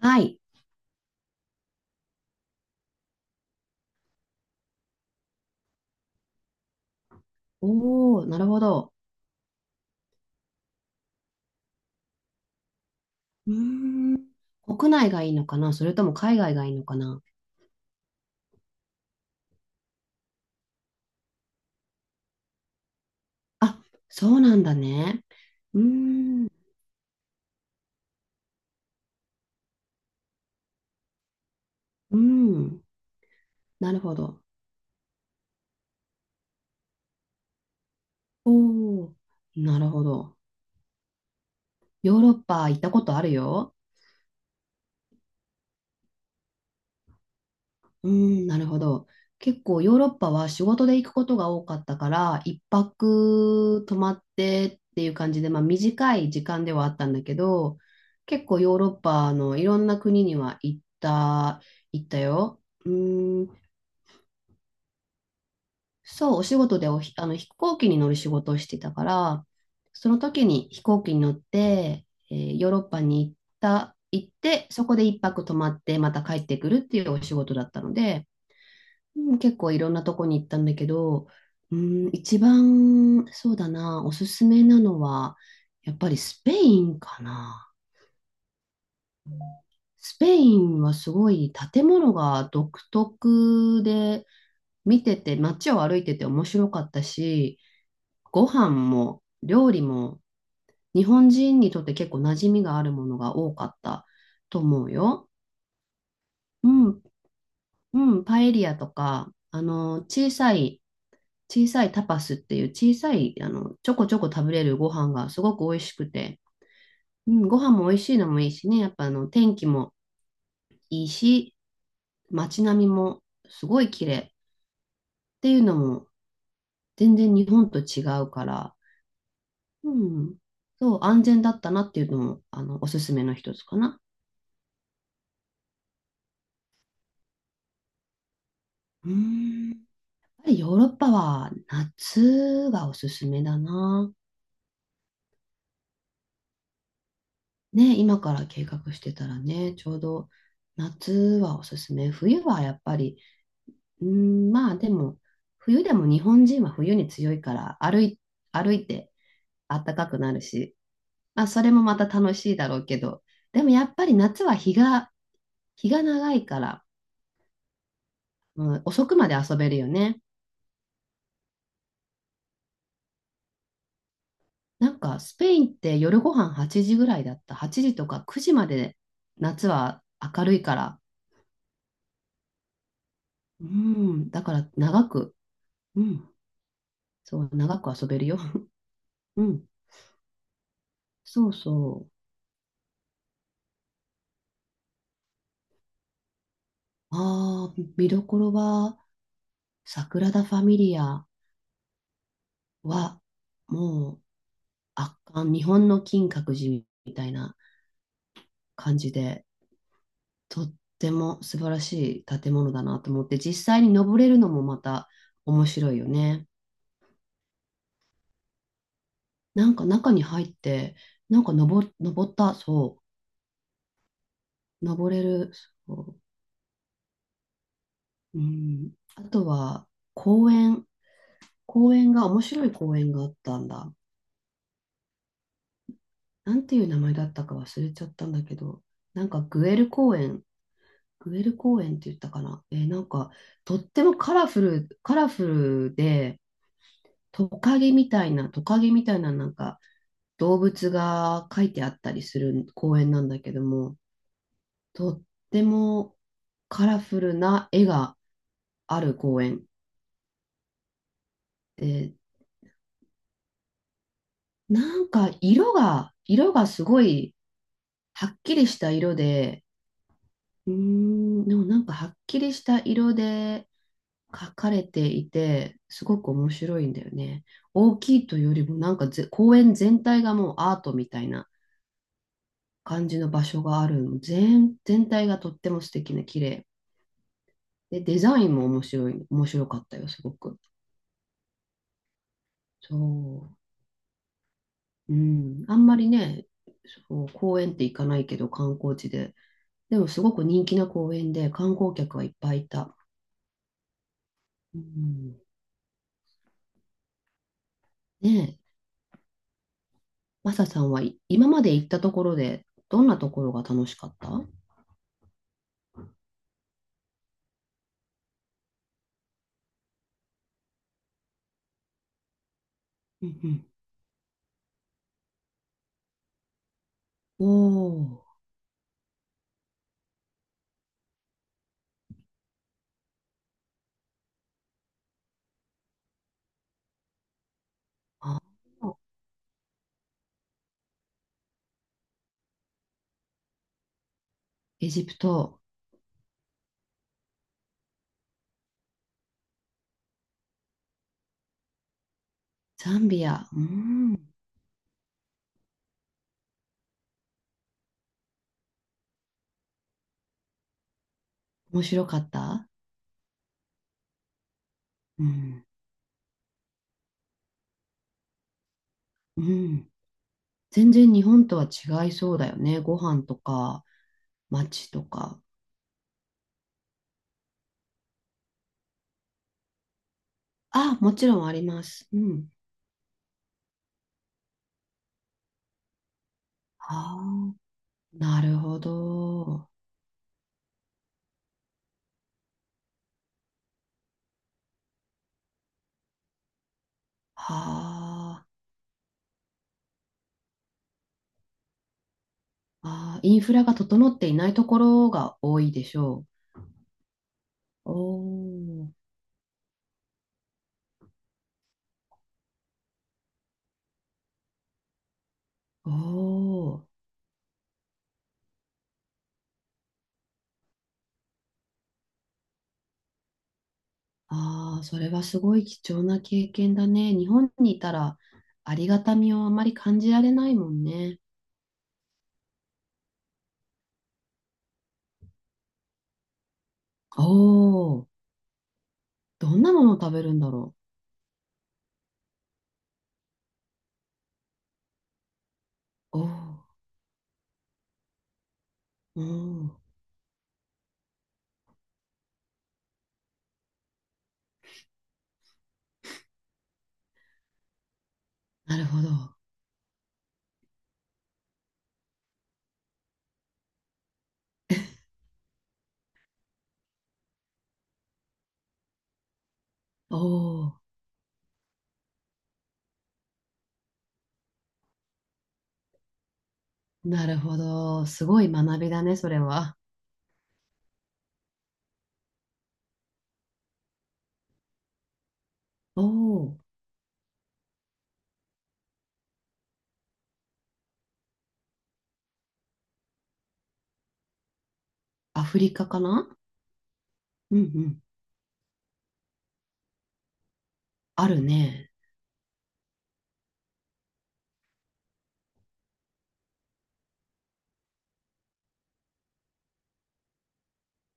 はい。おお、なるほど。国内がいいのかな、それとも海外がいいのかな。あ、そうなんだね。うーん、うん。なるほど。おお、なるほど。ヨーロッパ行ったことあるよ。うーん、なるほど。結構ヨーロッパは仕事で行くことが多かったから、一泊泊まってっていう感じで、まあ短い時間ではあったんだけど、結構ヨーロッパのいろんな国には行ったよ。うーん、そう、お仕事であの、飛行機に乗る仕事をしてたから、その時に飛行機に乗って、ヨーロッパに行って、そこで一泊泊まって、また帰ってくるっていうお仕事だったので、うん、結構いろんなとこに行ったんだけど、うん、一番、そうだな、おすすめなのは、やっぱりスペインかな。スペインはすごい建物が独特で、見てて、街を歩いてて面白かったし、ご飯も料理も日本人にとって結構馴染みがあるものが多かったと思うよ。うん、うん、パエリアとか、あの、小さいタパスっていう小さい、あの、ちょこちょこ食べれるご飯がすごく美味しくて、うん、ご飯も美味しいのもいいしね、やっぱ、あの、天気もいいし、街並みもすごい綺麗っていうのも全然日本と違うから、うん、そう、安全だったなっていうのも、あの、おすすめの一つかな。うーん。やっぱりヨーロッパは夏がおすすめだな。ね、今から計画してたらね、ちょうど夏はおすすめ。冬はやっぱり、うーん、まあでも、冬でも日本人は冬に強いから歩いて暖かくなるし、まあそれもまた楽しいだろうけど、でもやっぱり夏は日が長いから、うん、遅くまで遊べるよね。なんかスペインって夜ご飯8時ぐらいだった。8時とか9時まで夏は明るいから。うん、だから長く、うん、そう、長く遊べるよ。うん、そうそう。ああ、見どころは、サグラダ・ファミリアは、もう圧巻、日本の金閣寺みたいな感じで、とっても素晴らしい建物だなと思って、実際に登れるのもまた面白いよね。なんか中に入って、なんか登った、そう、登れる、そう、うん。あとは、公園、公園が、面白い公園があったんだ。なんていう名前だったか忘れちゃったんだけど、なんかグエル公園、グエル公園って言ったかな。なんか、とってもカラフル、カラフルで、トカゲみたいな、なんか、動物が書いてあったりする公園なんだけども、とってもカラフルな絵がある公園で、なんか色がすごいはっきりした色で、うーん、でもなんかはっきりした色で描かれていて、すごく面白いんだよね。大きいというよりもなんか公園全体がもうアートみたいな感じの場所があるの。全体がとっても素敵な綺麗。で、デザインも面白かったよ、すごく。そう。うん、あんまりね、そう、公園って行かないけど、観光地で。でも、すごく人気な公園で、観光客はいっぱいいた。うん、ねえ、マサさんは、い今まで行ったところで、どんなところが楽しかった？うん、うん。おー、あ、エジプト、ザンビア、うん、面白かった？うん、うん。全然日本とは違いそうだよね。ご飯とか、街とか。あ、もちろんあります。うん。ああ、なるほど。はあ、あー、インフラが整っていないところが多いでしょう。おー、おー、ああ、それはすごい貴重な経験だね。日本にいたらありがたみをあまり感じられないもんね。おお、どんなものを食べるんだろう。おおー、なるほど。おお。なるほど。すごい学びだね、それは。おお、アフリカかな。うんうん。あるね。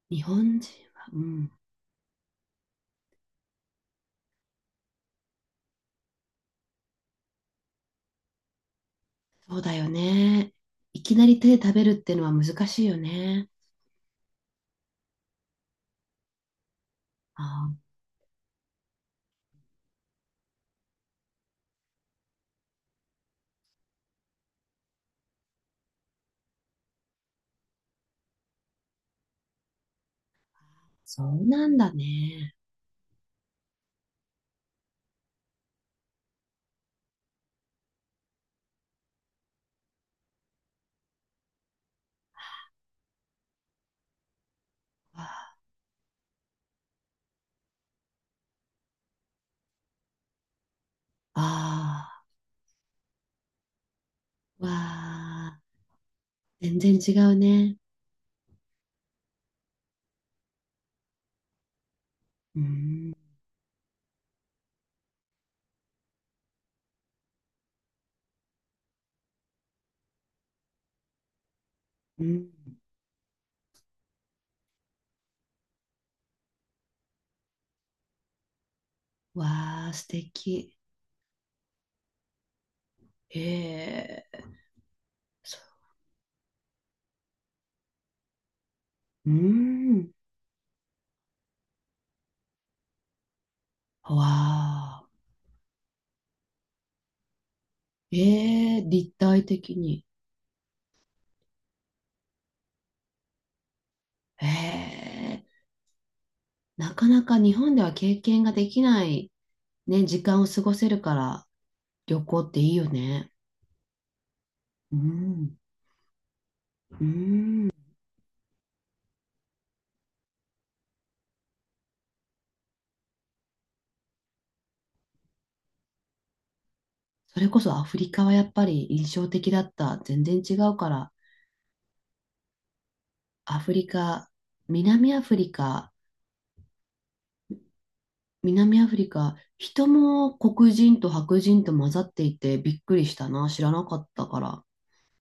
日本人は、うん。そうだよね。いきなり手で食べるっていうのは難しいよね。ああ、そうなんだね。わあ、あー、わあ、全然違うね。うん、うん。わあ、素敵。ええ、そう。うん。わあ、ええ、立体的に。ええ。なかなか日本では経験ができない、ね、時間を過ごせるから旅行っていいよね。うん。うん。それこそアフリカはやっぱり印象的だった。全然違うから。アフリカ、南アフリカ、南アフリカ、人も黒人と白人と混ざっていてびっくりしたな。知らなかったから。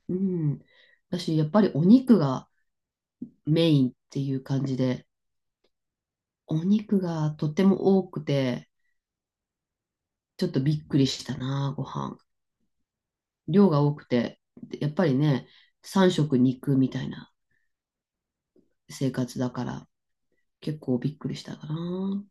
うん。だし、やっぱりお肉がメインっていう感じで、お肉がとても多くて、ちょっとびっくりしたな、ご飯。量が多くて、やっぱりね、三食肉みたいな生活だから、結構びっくりしたかな。